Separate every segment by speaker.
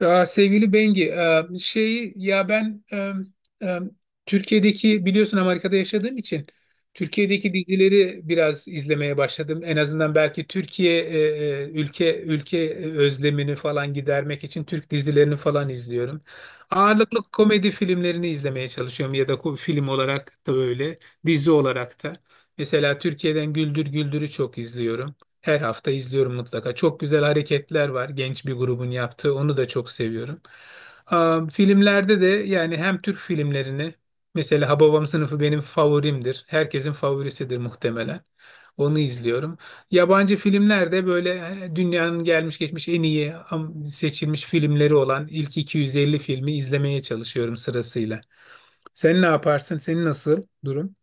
Speaker 1: Aa, sevgili Bengi, e, Türkiye'deki biliyorsun Amerika'da yaşadığım için Türkiye'deki dizileri biraz izlemeye başladım. En azından belki Türkiye ülke özlemini falan gidermek için Türk dizilerini falan izliyorum. Ağırlıklı komedi filmlerini izlemeye çalışıyorum ya da film olarak da öyle, dizi olarak da. Mesela Türkiye'den Güldür Güldür'ü çok izliyorum. Her hafta izliyorum mutlaka. Çok güzel hareketler var genç bir grubun yaptığı. Onu da çok seviyorum. Aa, filmlerde de yani hem Türk filmlerini mesela Hababam Sınıfı benim favorimdir. Herkesin favorisidir muhtemelen. Onu izliyorum. Yabancı filmlerde böyle dünyanın gelmiş geçmiş en iyi seçilmiş filmleri olan ilk 250 filmi izlemeye çalışıyorum sırasıyla. Sen ne yaparsın? Senin nasıl durum?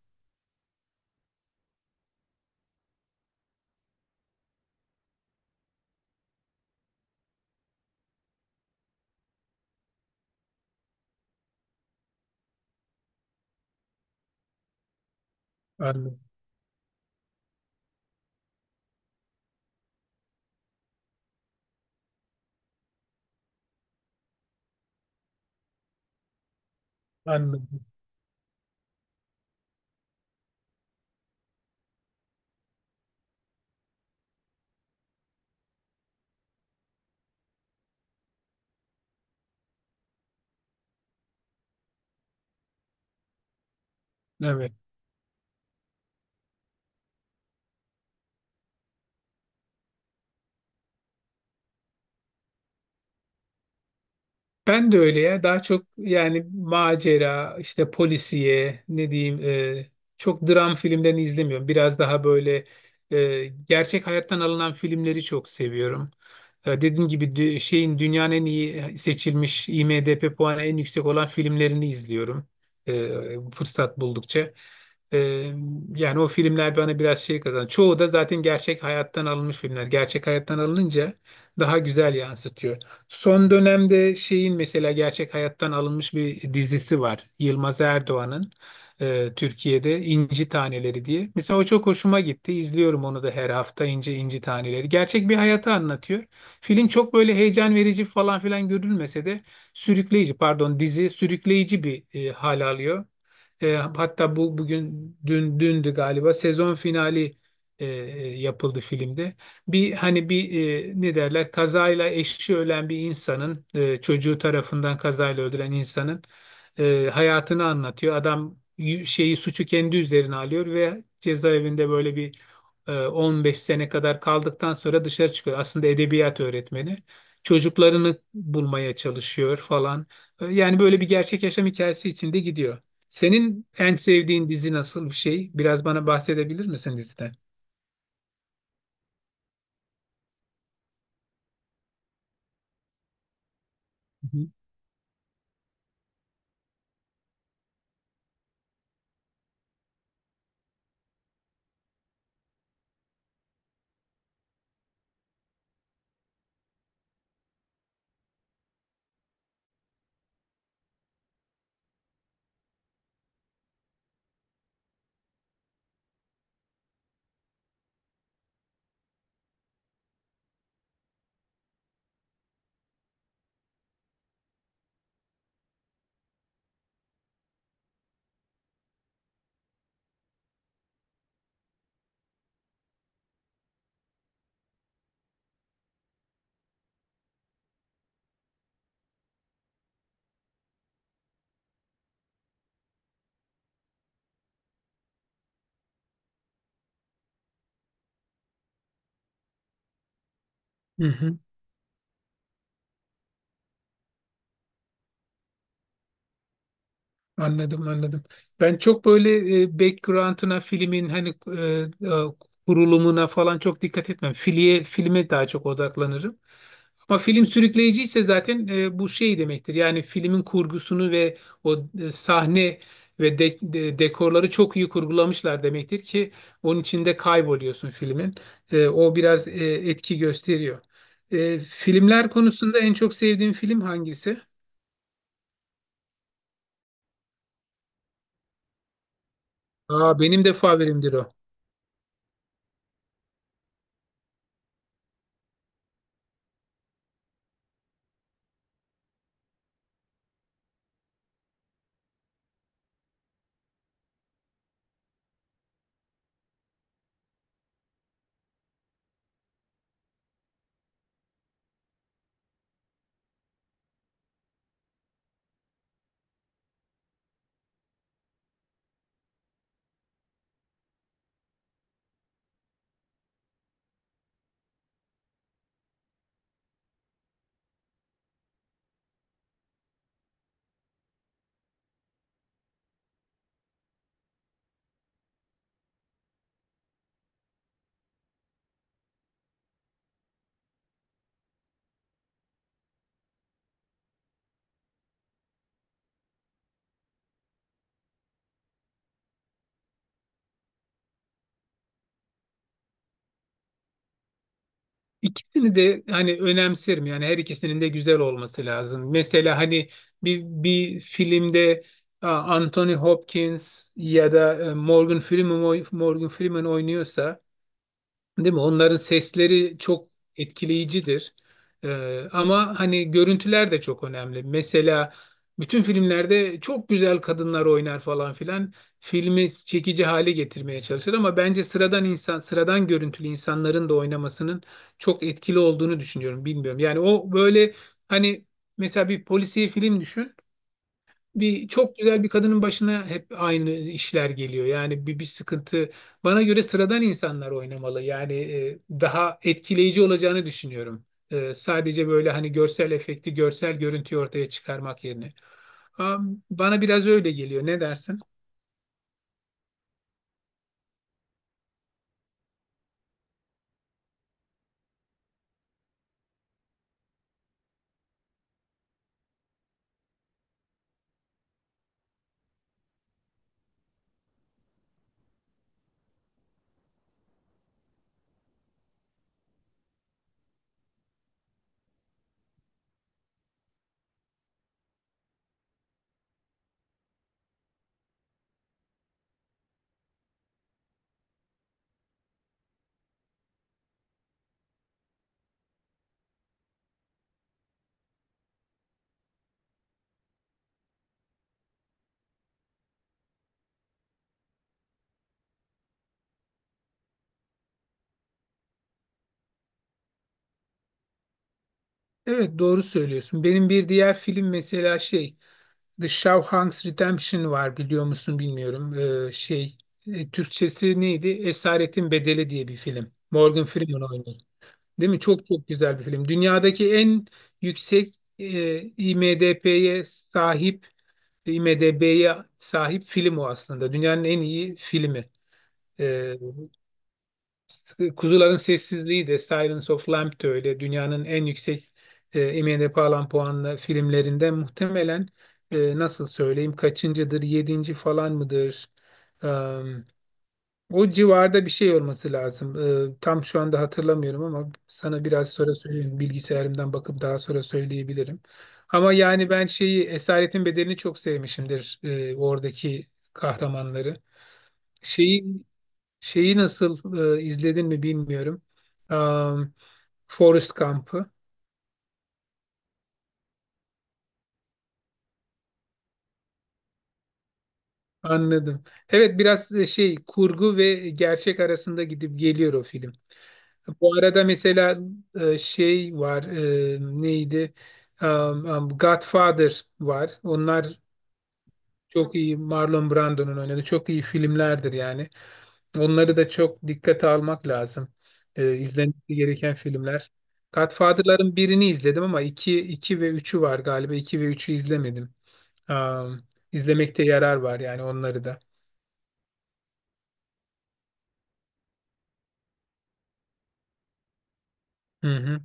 Speaker 1: Anladım. Anladım. Evet. Ben de öyle ya. Daha çok yani macera, işte polisiye, ne diyeyim, e, çok dram filmlerini izlemiyorum. Biraz daha böyle gerçek hayattan alınan filmleri çok seviyorum. Dediğim gibi şeyin dünyanın en iyi seçilmiş IMDb puanı en yüksek olan filmlerini izliyorum. Fırsat buldukça. E, Yani o filmler bana biraz şey kazan. Çoğu da zaten gerçek hayattan alınmış filmler. Gerçek hayattan alınınca daha güzel yansıtıyor. Son dönemde şeyin mesela gerçek hayattan alınmış bir dizisi var. Yılmaz Erdoğan'ın Türkiye'de İnci Taneleri diye. Mesela o çok hoşuma gitti. İzliyorum onu da her hafta İnci Taneleri. Gerçek bir hayatı anlatıyor. Film çok böyle heyecan verici falan filan görülmese de sürükleyici, pardon, dizi sürükleyici bir hal alıyor. Hatta bugün dündü galiba sezon finali yapıldı filmde. Hani bir ne derler, kazayla eşi ölen bir insanın çocuğu tarafından kazayla öldüren insanın hayatını anlatıyor. Adam şeyi, suçu kendi üzerine alıyor ve cezaevinde böyle 15 sene kadar kaldıktan sonra dışarı çıkıyor. Aslında edebiyat öğretmeni. Çocuklarını bulmaya çalışıyor falan. Yani böyle bir gerçek yaşam hikayesi içinde gidiyor. Senin en sevdiğin dizi nasıl bir şey? Biraz bana bahsedebilir misin diziden? Hı hı. Hı hı. Anladım, anladım. Ben çok böyle background'una filmin hani e, kurulumuna falan çok dikkat etmem. Filiye, filme daha çok odaklanırım. Ama film sürükleyiciyse zaten bu şey demektir. Yani filmin kurgusunu ve o sahne ve dekorları çok iyi kurgulamışlar demektir ki onun içinde kayboluyorsun filmin. O biraz etki gösteriyor. Filmler konusunda en çok sevdiğim film hangisi? Aa, benim de favorimdir o. İkisini de hani önemserim, yani her ikisinin de güzel olması lazım. Mesela hani bir filmde a, Anthony Hopkins ya da Morgan Freeman Morgan Freeman oynuyorsa, değil mi? Onların sesleri çok etkileyicidir. Ama hani görüntüler de çok önemli. Mesela bütün filmlerde çok güzel kadınlar oynar falan filan. Filmi çekici hale getirmeye çalışır ama bence sıradan insan, sıradan görüntülü insanların da oynamasının çok etkili olduğunu düşünüyorum. Bilmiyorum. Yani o böyle hani mesela bir polisiye film düşün, bir çok güzel bir kadının başına hep aynı işler geliyor. Yani bir sıkıntı. Bana göre sıradan insanlar oynamalı. Yani daha etkileyici olacağını düşünüyorum. Sadece böyle hani görsel efekti, görsel görüntüyü ortaya çıkarmak yerine. Bana biraz öyle geliyor. Ne dersin? Evet, doğru söylüyorsun. Benim bir diğer film mesela şey The Shawshank Redemption var, biliyor musun bilmiyorum. Ee, şey Türkçesi neydi? Esaretin Bedeli diye bir film. Morgan Freeman oynuyor. Değil mi? Çok çok güzel bir film. Dünyadaki en yüksek e, IMDb'ye sahip, IMDb'ye sahip film o aslında. Dünyanın en iyi filmi. E, Kuzuların Sessizliği de Silence of Lamb de öyle. Dünyanın en yüksek IMDb alan puanlı filmlerinden muhtemelen nasıl söyleyeyim, kaçıncıdır? Yedinci falan mıdır? O civarda bir şey olması lazım. Tam şu anda hatırlamıyorum ama sana biraz sonra söyleyeyim. Bilgisayarımdan bakıp daha sonra söyleyebilirim. Ama yani ben şeyi Esaretin Bedeli'ni çok sevmişimdir. Oradaki kahramanları. Şeyi şeyi nasıl izledin mi bilmiyorum. Um, Forrest Gump'ı. Anladım. Evet, biraz şey, kurgu ve gerçek arasında gidip geliyor o film. Bu arada mesela şey var, neydi? Godfather var. Onlar çok iyi, Marlon Brando'nun oynadığı çok iyi filmlerdir yani. Onları da çok dikkate almak lazım. İzlenmesi gereken filmler. Godfather'ların birini izledim ama iki ve üçü var galiba. İki ve üçü izlemedim. Um, izlemekte yarar var yani onları da. Hı hı,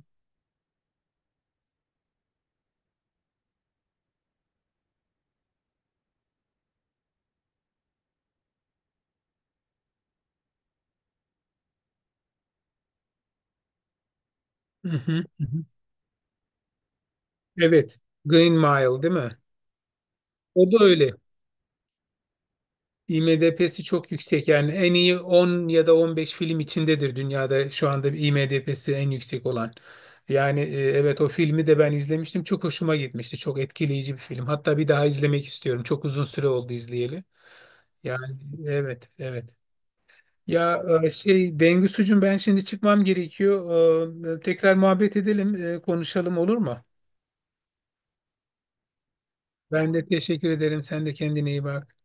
Speaker 1: hı hı, hı hı. Evet. Green Mile, değil mi? O da öyle. IMDb'si çok yüksek, yani en iyi 10 ya da 15 film içindedir dünyada şu anda IMDb'si en yüksek olan. Yani evet, o filmi de ben izlemiştim, çok hoşuma gitmişti, çok etkileyici bir film, hatta bir daha izlemek istiyorum, çok uzun süre oldu izleyeli. Yani evet, evet. Ya, şey, Bengüsucuğum, ben şimdi çıkmam gerekiyor. Tekrar muhabbet edelim, konuşalım, olur mu? Ben de teşekkür ederim, sen de kendine iyi bak.